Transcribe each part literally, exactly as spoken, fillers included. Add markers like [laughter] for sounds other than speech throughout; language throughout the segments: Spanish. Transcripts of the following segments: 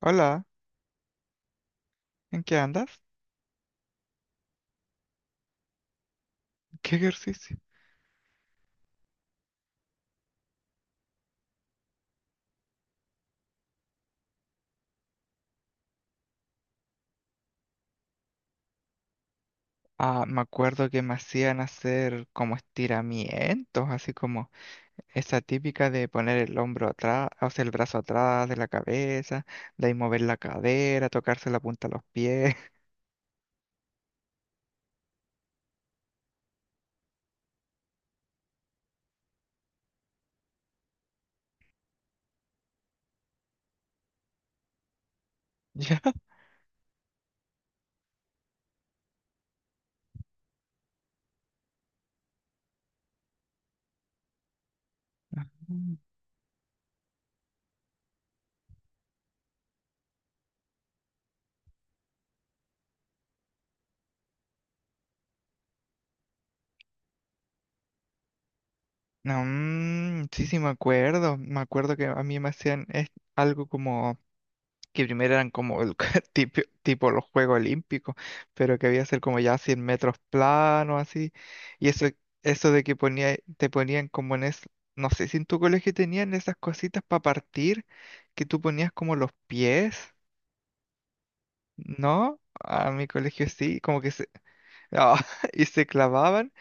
Hola, ¿en qué andas? [laughs] ¿Qué ejercicio? Ah, me acuerdo que me hacían hacer como estiramientos, así como esa típica de poner el hombro atrás, o sea, el brazo atrás de la cabeza, de ahí mover la cadera, tocarse la punta de los pies. [laughs] ¿Ya? Mm. No, mm, sí, sí, me acuerdo. Me acuerdo que a mí me hacían es- algo como que primero eran como el, [laughs] tipo, tipo los Juegos Olímpicos, pero que había que ser como ya cien metros planos así. Y eso, eso de que ponía, te ponían como en es, no sé si en tu colegio tenían esas cositas para partir, que tú ponías como los pies, ¿no? A mi colegio sí, como que se, [laughs] y se clavaban,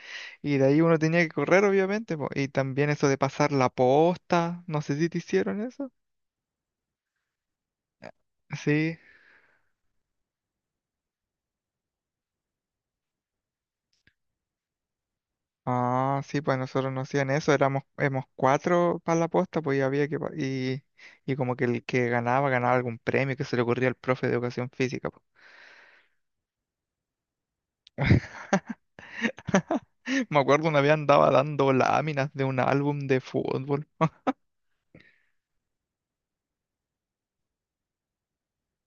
y de ahí uno tenía que correr, obviamente, po. Y también eso de pasar la posta, no sé si te hicieron eso. Sí. Ah, sí, pues nosotros no hacían eso, éramos, éramos cuatro para la posta, pues y había que, pa- y, y como que el que ganaba, ganaba algún premio que se le ocurría al profe de educación física, po. [laughs] Me acuerdo una vez andaba dando láminas de un álbum de fútbol.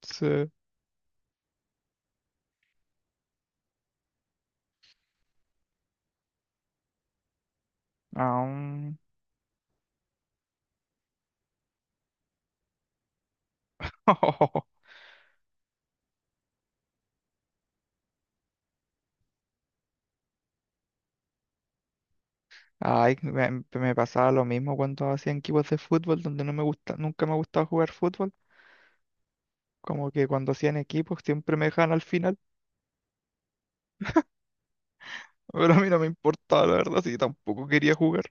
Sí. Ah, [laughs] ay, me, me pasaba lo mismo cuando hacían equipos de fútbol, donde no me gusta, nunca me ha gustado jugar fútbol. Como que cuando hacían equipos siempre me dejaban al final, pero a mí no me importaba, la verdad, si tampoco quería jugar.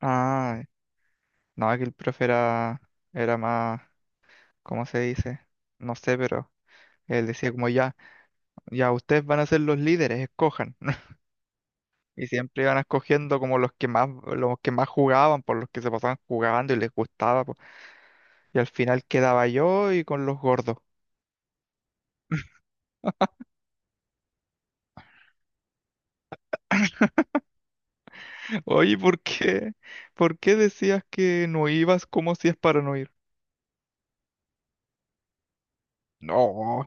Ah, no, es que el profe era, era más, ¿cómo se dice? No sé, pero él decía como ya, ya ustedes van a ser los líderes, escojan. [laughs] Y siempre iban escogiendo como los que más, los que más jugaban, por los que se pasaban jugando y les gustaba, po. Y al final quedaba yo y con los gordos. [laughs] Oye, ¿por qué? ¿Por qué decías que no ibas como si es para no ir? No.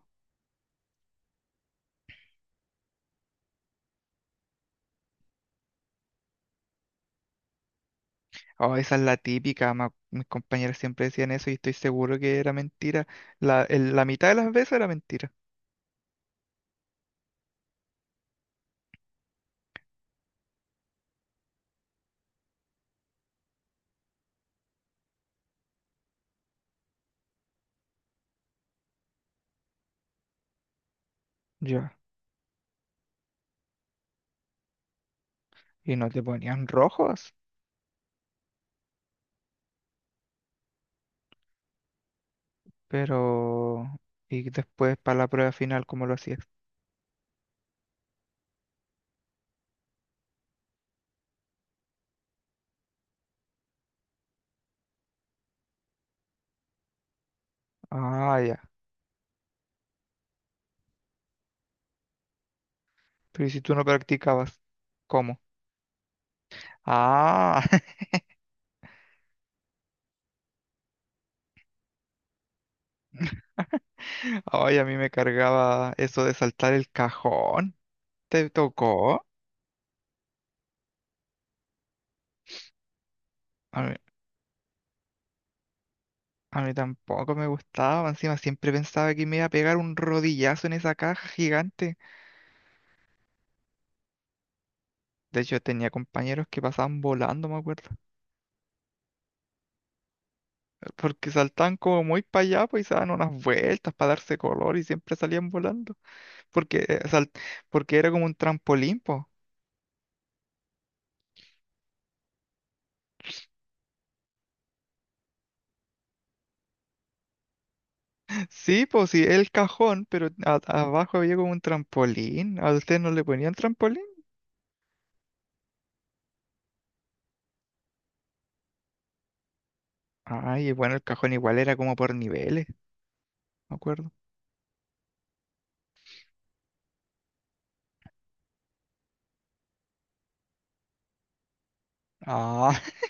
Oh, esa es la típica. ma- Mis compañeros siempre decían eso y estoy seguro que era mentira. La, el- la mitad de las veces era mentira. Ya. Y no te ponían rojos, pero... Y después para la prueba final, ¿cómo lo hacías? Ah, ya. Pero ¿y si tú no practicabas? ¿Cómo? Ah, [laughs] ay, a mí me cargaba eso de saltar el cajón. ¿Te tocó? A mí, a mí tampoco me gustaba. Encima siempre pensaba que me iba a pegar un rodillazo en esa caja gigante. De hecho, tenía compañeros que pasaban volando, me acuerdo. [laughs] Porque saltaban como muy para allá, pues y se daban unas vueltas para darse color y siempre salían volando. Porque, eh, sal- porque era como un trampolín, po. Sí, pues sí, el cajón, pero a- abajo había como un trampolín. ¿A ustedes no le ponían trampolín? Ay, bueno, el cajón igual era como por niveles, me acuerdo. Ah, [laughs]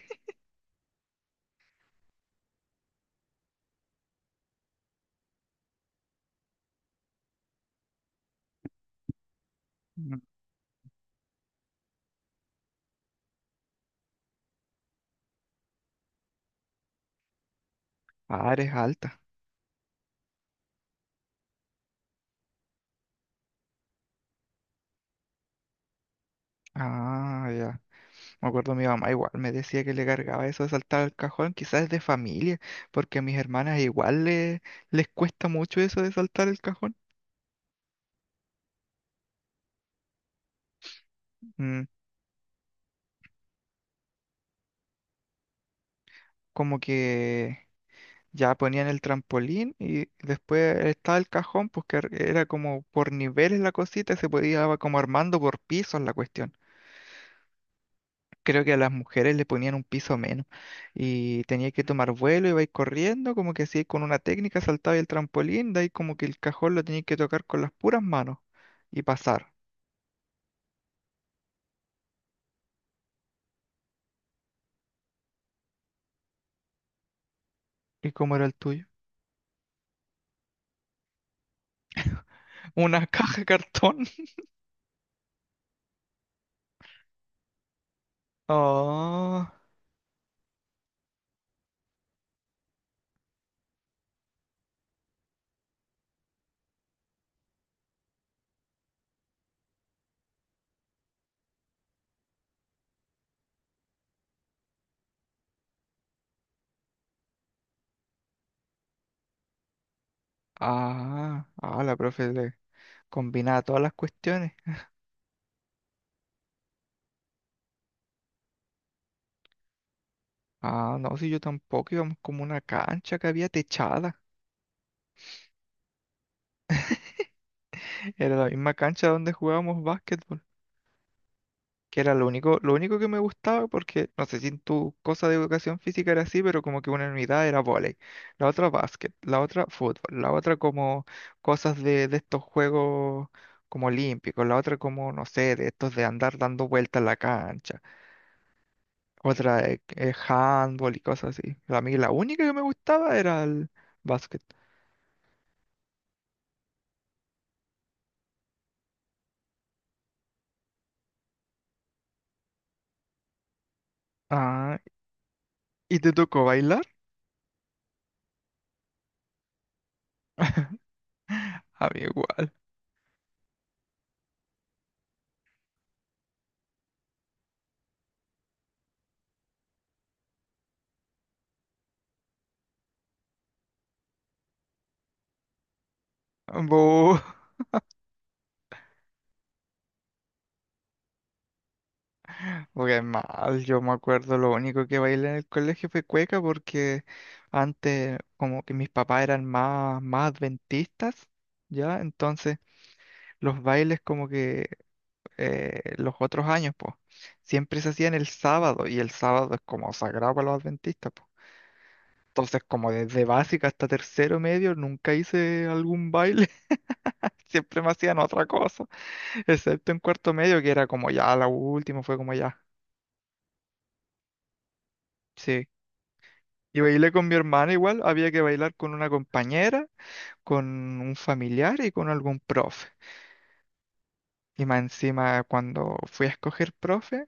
Mm. Ah, eres alta. Ah, ya. Me acuerdo mi mamá igual me decía que le cargaba eso de saltar al cajón, quizás es de familia, porque a mis hermanas igual le- les cuesta mucho eso de saltar el cajón. Mm, como que ya ponían el trampolín y después estaba el cajón, pues que era como por niveles la cosita, y se podía va como armando por pisos la cuestión. Creo que a las mujeres le ponían un piso menos y tenía que tomar vuelo, ibais corriendo, como que así con una técnica saltaba el trampolín, de ahí como que el cajón lo tenías que tocar con las puras manos y pasar. ¿Y cómo era el tuyo? [laughs] Una caja de cartón. [laughs] Oh, ah, ah, la profe le combinaba todas las cuestiones. Ah, no, si yo tampoco íbamos como una cancha que había techada. [laughs] Era la misma cancha donde jugábamos básquetbol, que era lo único, lo único que me gustaba, porque no sé si en tu cosa de educación física era así, pero como que una unidad era vóley, la otra básquet, la otra fútbol, la otra como cosas de, de estos juegos como olímpicos, la otra como, no sé, de estos de andar dando vueltas en la cancha, otra eh, eh, handball y cosas así. A mí la única que me gustaba era el básquet. Ah, ¿y te tocó bailar? [laughs] A mí igual. Bu, porque mal, yo me acuerdo, lo único que bailé en el colegio fue cueca porque antes como que mis papás eran más, más adventistas, ¿ya? Entonces los bailes como que eh, los otros años, pues, siempre se hacían el sábado y el sábado es como sagrado para los adventistas, pues. Entonces como desde básica hasta tercero medio nunca hice algún baile, [laughs] siempre me hacían otra cosa. Excepto en cuarto medio, que era como ya la última, fue como ya. Sí. Y bailé con mi hermana igual, había que bailar con una compañera, con un familiar y con algún profe. Y más encima, cuando fui a escoger profe,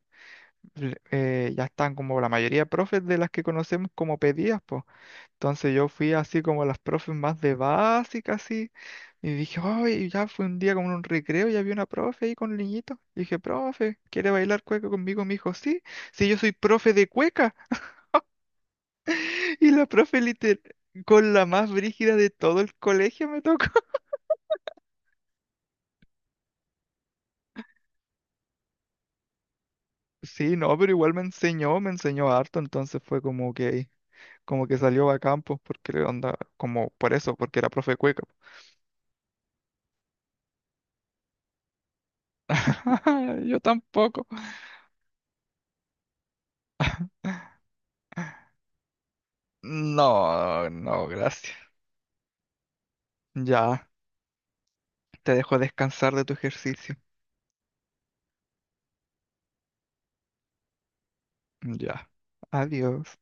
l- eh, ya están como la mayoría de profes de las que conocemos como pedidas, pues. Entonces yo fui así como las profes más de básica, así. Y dije, ay ya fue un día como en un recreo y había una profe ahí con niñitos dije, profe, ¿quiere bailar cueca conmigo? Me dijo, sí, sí, yo soy profe de cueca. [laughs] Y la profe literal, con la más brígida de todo el colegio me tocó. [laughs] Sí, no, pero igual me enseñó, me enseñó harto, entonces fue como que, como que salió a campo, porque onda, como por eso, porque era profe de cueca. [laughs] Yo tampoco. No, no, gracias. Ya, te dejo descansar de tu ejercicio. Ya. Adiós.